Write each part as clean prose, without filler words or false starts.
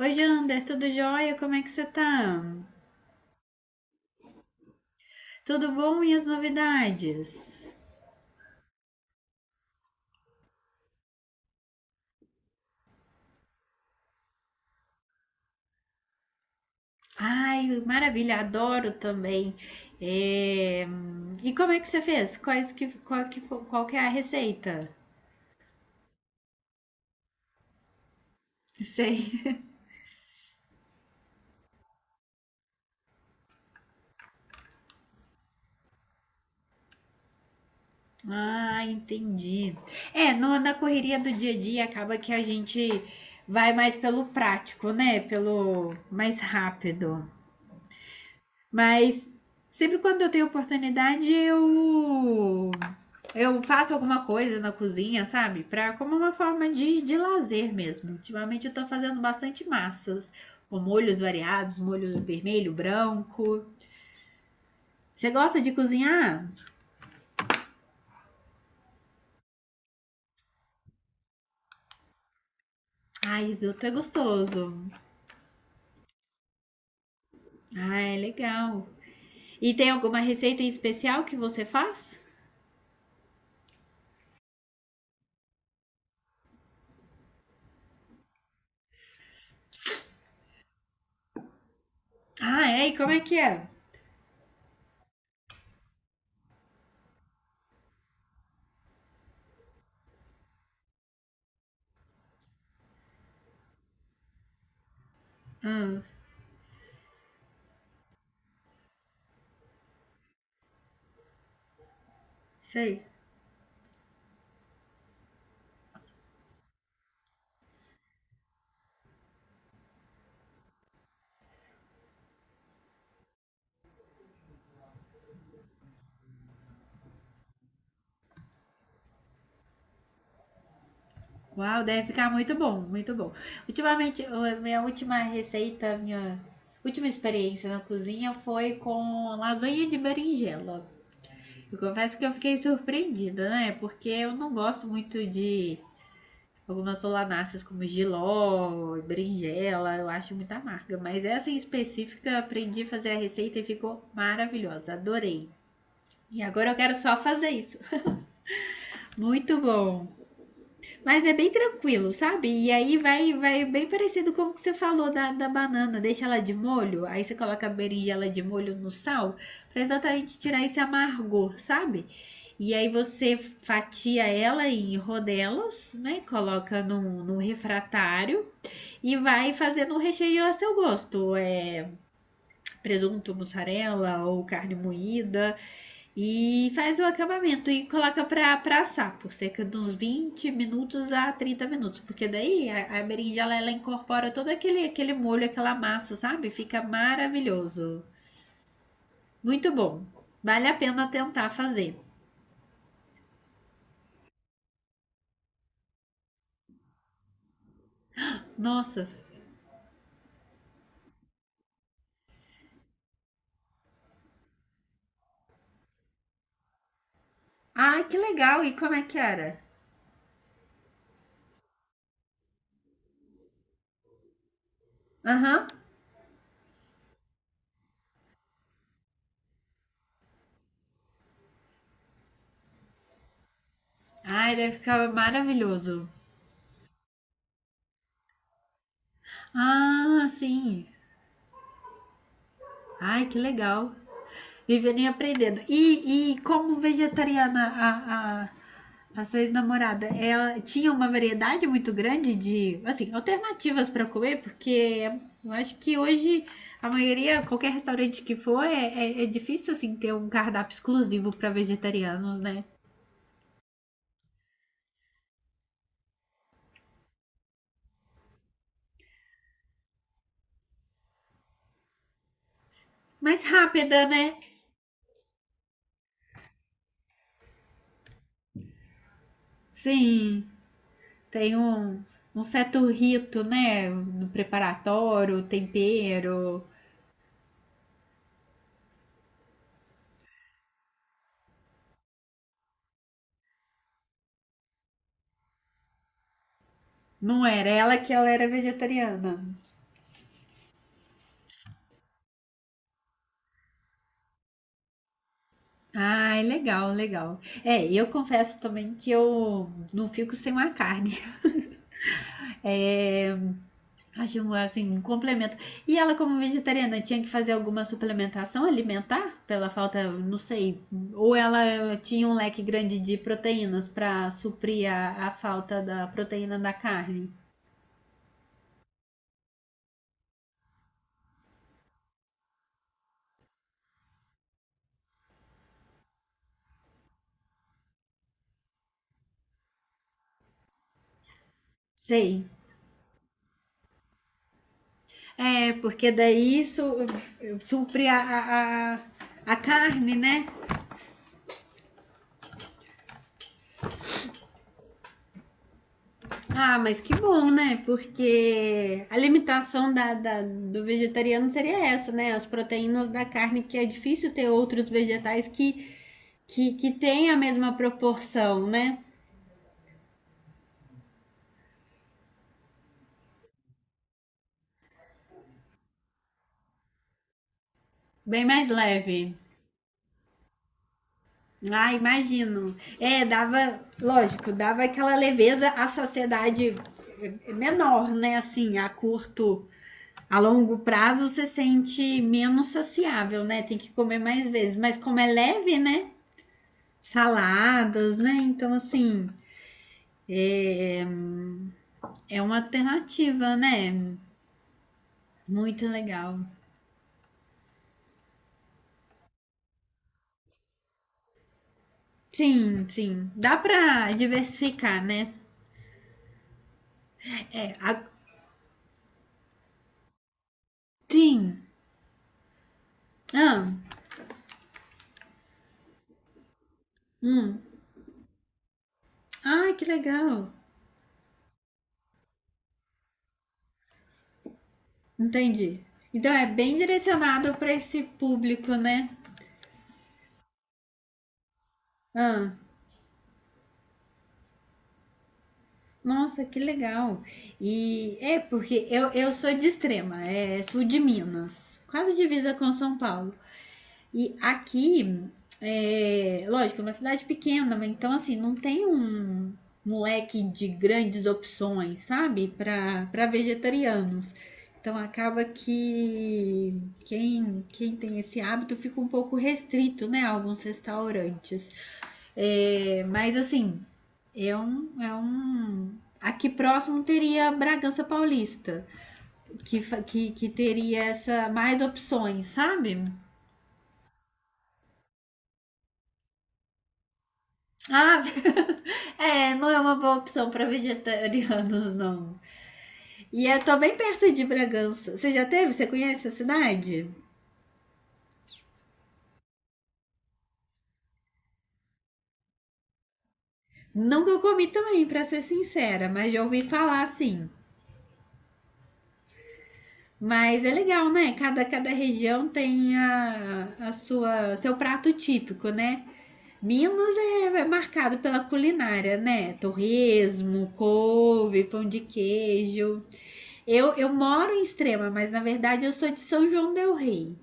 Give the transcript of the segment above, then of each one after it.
Oi, Jander, tudo jóia? Como é que você tá? Tudo bom e as novidades? Ai, maravilha, adoro também. É, E como é que você fez? Quais que, qual, que, fo- qual que é a receita? Sei. Ah, entendi. Na correria do dia a dia acaba que a gente vai mais pelo prático, né? Pelo mais rápido. Mas sempre quando eu tenho oportunidade, eu faço alguma coisa na cozinha, sabe? Pra, como uma forma de lazer mesmo. Ultimamente eu tô fazendo bastante massas, com molhos variados, molho vermelho, branco. Você gosta de cozinhar? Ai, risoto é gostoso. Ai, legal. E tem alguma receita em especial que você faz? Ah, é? E como é que é? Ah, sei. Uau, deve ficar muito bom, muito bom. Ultimamente, a minha última receita, minha última experiência na cozinha foi com lasanha de berinjela. Eu confesso que eu fiquei surpreendida, né? Porque eu não gosto muito de algumas solanáceas como jiló, berinjela, eu acho muito amarga. Mas essa em específica, eu aprendi a fazer a receita e ficou maravilhosa, adorei. E agora eu quero só fazer isso. Muito bom. Mas é bem tranquilo, sabe? E aí vai bem parecido com o que você falou da banana. Deixa ela de molho, aí você coloca a berinjela de molho no sal, pra exatamente tirar esse amargor, sabe? E aí você fatia ela em rodelas, né? Coloca num refratário e vai fazendo um recheio a seu gosto. É presunto, mussarela ou carne moída. E faz o acabamento e coloca para pra assar por cerca de uns 20 minutos a 30 minutos. Porque daí a berinjela ela incorpora aquele molho, aquela massa, sabe? Fica maravilhoso. Muito bom. Vale a pena tentar fazer. Nossa. Ai, que legal. E como é que era? Aham. Uhum. Ai, deve ficar maravilhoso. Ah, sim. Ai, que legal. Vivendo e aprendendo. E como vegetariana, a, a sua ex-namorada, ela tinha uma variedade muito grande de, assim, alternativas para comer, porque eu acho que hoje a maioria, qualquer restaurante que for, é difícil, assim, ter um cardápio exclusivo para vegetarianos, né? Mais rápida, né? Sim, tem um, um certo rito, né? No preparatório, tempero. Não era ela que ela era vegetariana. Ai, legal, legal. É, eu confesso também que eu não fico sem uma carne. É, acho um, assim, um complemento. E ela, como vegetariana, tinha que fazer alguma suplementação alimentar pela falta, não sei, ou ela tinha um leque grande de proteínas para suprir a falta da proteína da carne? Sei. É, porque daí isso supre a carne, né? Ah, mas que bom, né? Porque a limitação da- do vegetariano seria essa, né? As proteínas da carne, que é difícil ter outros vegetais que, que têm a mesma proporção, né? Bem mais leve. Ah, imagino. É, dava, lógico, dava aquela leveza à saciedade menor, né? Assim, a curto, a longo prazo, você sente menos saciável, né? Tem que comer mais vezes. Mas como é leve, né? Saladas, né? Então, assim, é, é uma alternativa, né? Muito legal. Sim, sim. Dá pra diversificar, né? É, a- sim. Ah, hum. Ah, que legal. Entendi. Então é bem direcionado para esse público, né? Ah, nossa, que legal. E é porque eu sou de Extrema, é sul de Minas, quase divisa com São Paulo. E aqui, é, lógico, é uma cidade pequena, então assim, não tem um, um leque de grandes opções, sabe? Para vegetarianos. Então acaba que quem tem esse hábito fica um pouco restrito, né? A alguns restaurantes. É, mas assim, é um, é um. Aqui próximo teria Bragança Paulista, que teria essa mais opções, sabe? Ah, é, não é uma boa opção para vegetarianos, não. E eu tô bem perto de Bragança. Você já teve? Você conhece a cidade? Nunca eu comi também, para ser sincera, mas já ouvi falar sim. Mas é legal, né? Cada região tem a sua seu prato típico, né? Minas é marcado pela culinária, né? Torresmo, couve, pão de queijo. Eu moro em Extrema, mas na verdade eu sou de São João del Rei.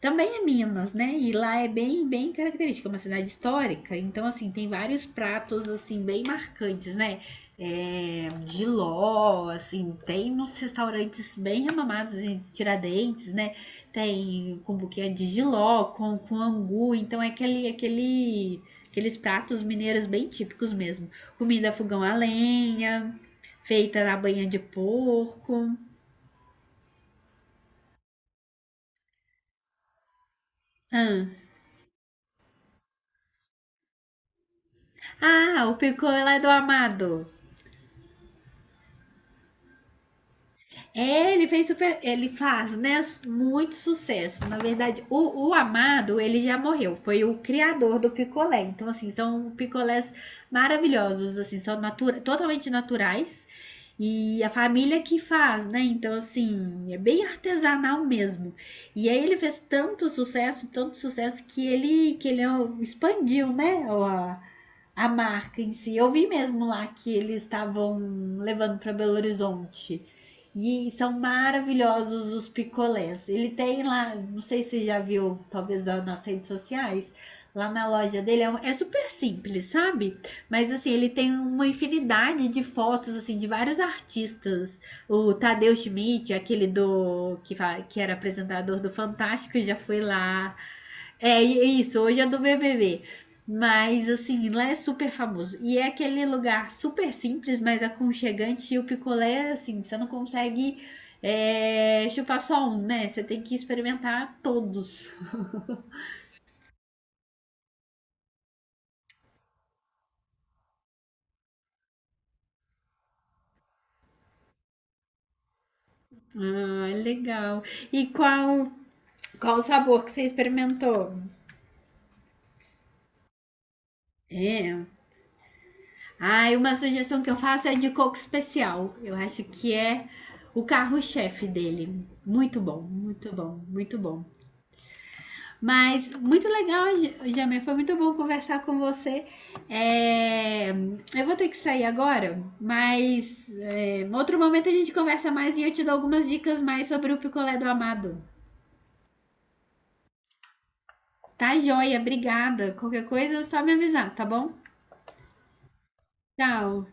Também é Minas, né? E lá é bem, bem característica, é uma cidade histórica. Então, assim, tem vários pratos, assim, bem marcantes, né? É, jiló, assim, tem nos restaurantes bem renomados em Tiradentes, né? Tem com buquê de jiló, com angu. Então, é aqueles pratos mineiros bem típicos mesmo. Comida fogão a lenha, feita na banha de porco. Ah, ah o picô lá é do Amado. É, ele fez super. Ele faz, né? Muito sucesso. Na verdade, o Amado, ele já morreu. Foi o criador do picolé. Então, assim, são picolés maravilhosos, assim, são natura, totalmente naturais. E a família que faz, né? Então, assim, é bem artesanal mesmo. E aí ele fez tanto sucesso, que ele expandiu, né? A- a marca em si. Eu vi mesmo lá que eles estavam levando para Belo Horizonte. E são maravilhosos os picolés. Ele tem lá, não sei se você já viu, talvez nas redes sociais, lá na loja dele. É, um- é super simples, sabe? Mas assim, ele tem uma infinidade de fotos, assim, de vários artistas. O Tadeu Schmidt, aquele do que, fa- que era apresentador do Fantástico, já foi lá. É é isso, hoje é do B B B, mas assim, lá é super famoso. E é aquele lugar super simples, mas aconchegante. E o picolé, assim, você não consegue chupar só um, né? Você tem que experimentar todos. Ah, legal. E qual o sabor que você experimentou? É. Ah, e uma sugestão que eu faço é de coco especial. Eu acho que é o carro-chefe dele. Muito bom, muito bom, muito bom. Mas muito legal, Jamê. Foi muito bom conversar com você. É, eu vou ter que sair agora, mas é, em outro momento a gente conversa mais e eu te dou algumas dicas mais sobre o picolé do amado. Tá joia, obrigada. Qualquer coisa é só me avisar, tá bom? Tchau.